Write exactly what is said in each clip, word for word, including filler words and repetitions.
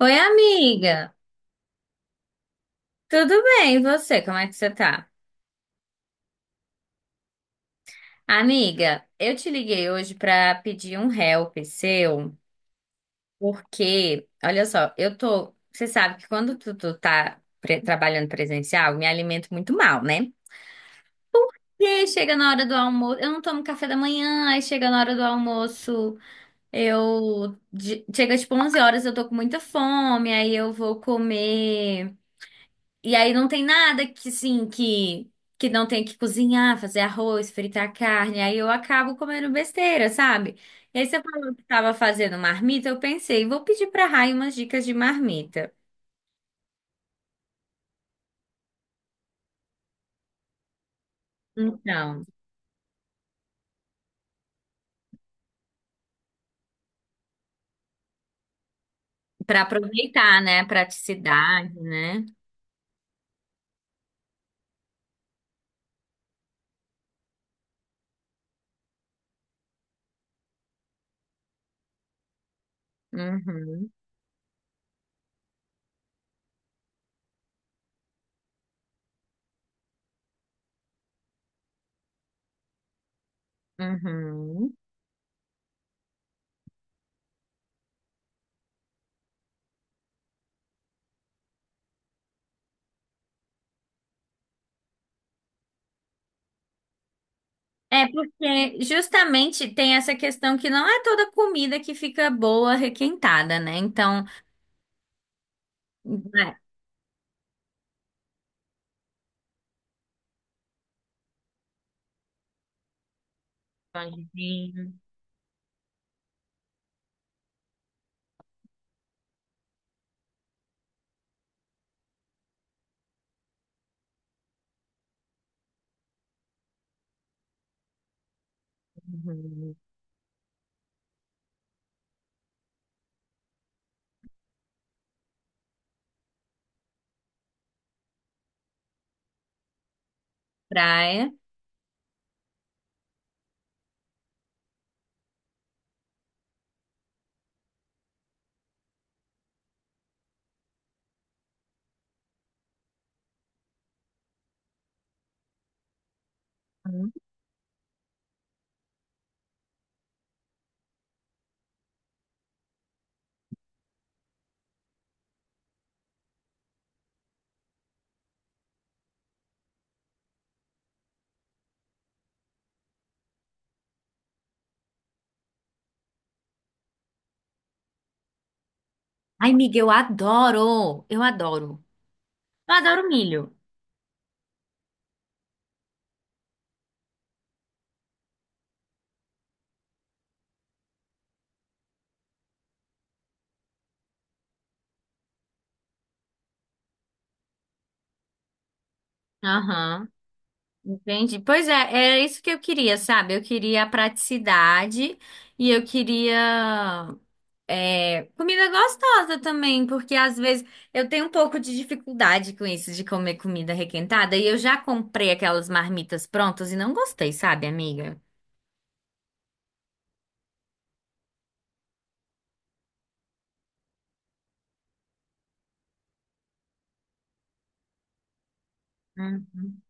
Oi, amiga. Tudo bem? E você? Como é que você tá? Amiga, eu te liguei hoje pra pedir um help seu, porque, olha só, eu tô, você sabe que quando tu, tu tá pre- trabalhando presencial, eu me alimento muito mal, né? E aí chega na hora do almoço, eu não tomo café da manhã, aí chega na hora do almoço, eu de- chega tipo onze horas, eu tô com muita fome, aí eu vou comer. E aí não tem nada que, assim, que, que não tenha que cozinhar, fazer arroz, fritar carne. Aí eu acabo comendo besteira, sabe? E aí você falou que estava fazendo marmita, eu pensei, vou pedir pra Rai umas dicas de marmita. Então, para aproveitar, né? Praticidade, né? Uhum, uhum. É porque justamente tem essa questão que não é toda comida que fica boa, requentada, né? Então, né, pãozinho, uhum, praia. Uhum. Ai, Miguel, eu adoro! Eu adoro. Eu adoro milho. Aham, entendi. Pois é, era isso que eu queria, sabe? Eu queria a praticidade e eu queria, é, comida gostosa também, porque às vezes eu tenho um pouco de dificuldade com isso de comer comida requentada e eu já comprei aquelas marmitas prontas e não gostei, sabe, amiga? Uhum.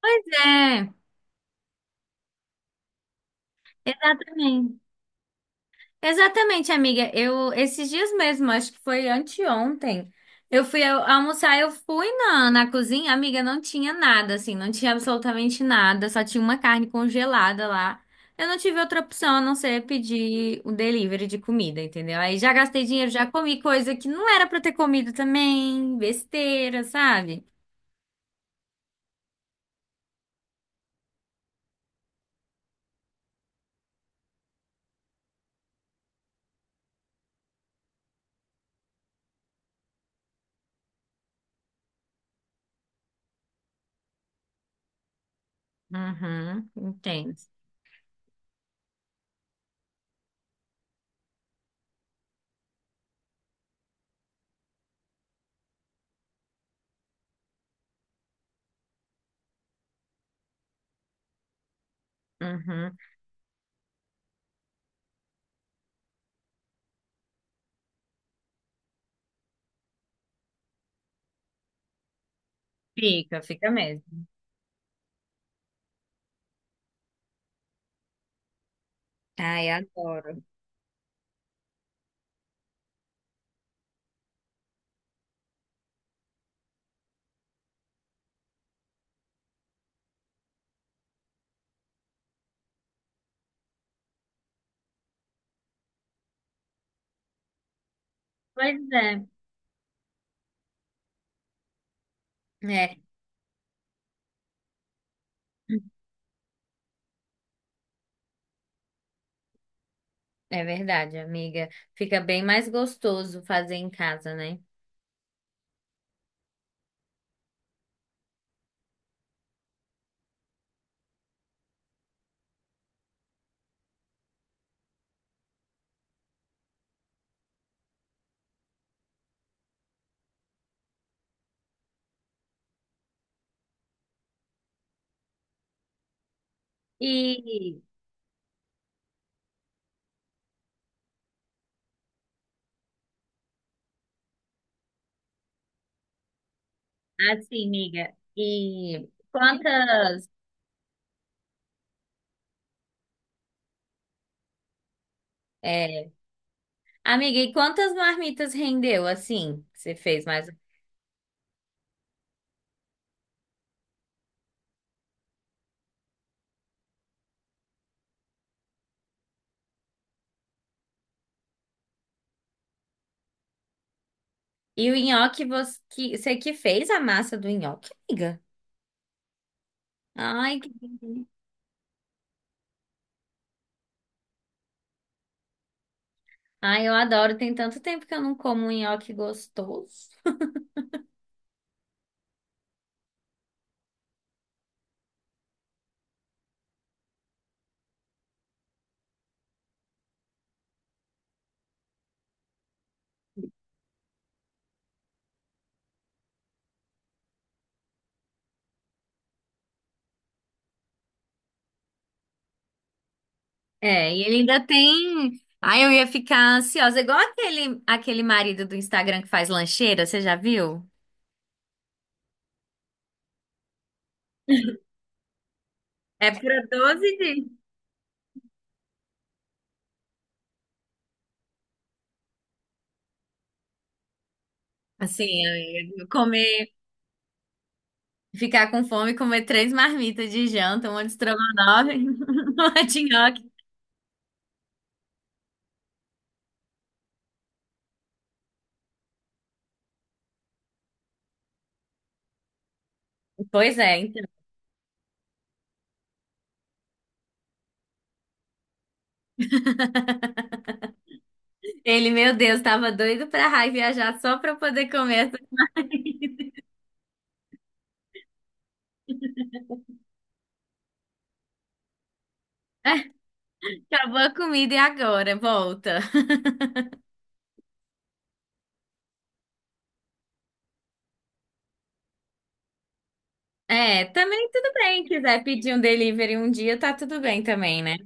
Pois é, exatamente. Exatamente, amiga. Eu esses dias mesmo, acho que foi anteontem, eu fui al- almoçar, eu fui na, na cozinha, amiga, não tinha nada, assim, não tinha absolutamente nada, só tinha uma carne congelada lá. Eu não tive outra opção a não ser pedir o delivery de comida, entendeu? Aí já gastei dinheiro, já comi coisa que não era pra eu ter comido também, besteira, sabe? Uhum, entendo. Uhum. Fica, fica mesmo. Ai, adoro. Pois é. É. É verdade, amiga. Fica bem mais gostoso fazer em casa, né? E assim, amiga, e quantas, é, amiga, e quantas marmitas rendeu assim? Que você fez mais? E o nhoque você que, você que fez a massa do nhoque, amiga? Ai, que delícia. Ai, eu adoro. Tem tanto tempo que eu não como um nhoque gostoso. É, e ele ainda tem. Ai, eu ia ficar ansiosa, igual aquele aquele marido do Instagram que faz lancheira, você já viu? É para doze dias. Assim, amiga, comer, ficar com fome, e comer três marmitas de janta, uma de estrogonofe, uma de nhoque. Pois é, então. Ele, meu Deus, tava doido pra raio viajar só pra eu poder comer essa. Acabou a comida e agora, volta. É, também tudo bem, quiser pedir um delivery um dia, tá tudo bem também, né?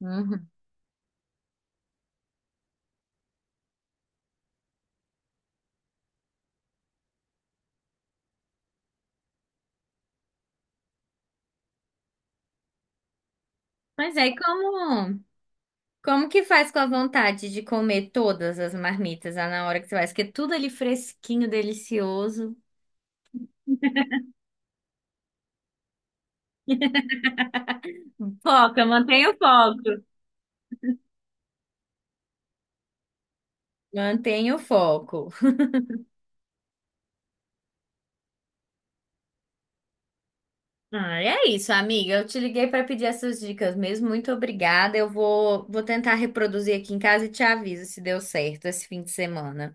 Uhum. Mas aí como Como que faz com a vontade de comer todas as marmitas lá na hora que você faz? Porque é tudo ali fresquinho, delicioso. Foca, mantenha o foco. Mantenha o foco. Ah, é isso, amiga. Eu te liguei para pedir essas dicas mesmo. Muito obrigada. Eu vou, vou tentar reproduzir aqui em casa e te aviso se deu certo esse fim de semana.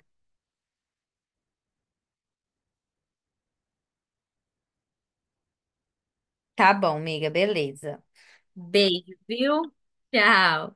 Tá bom, amiga. Beleza. Beijo, viu? Tchau.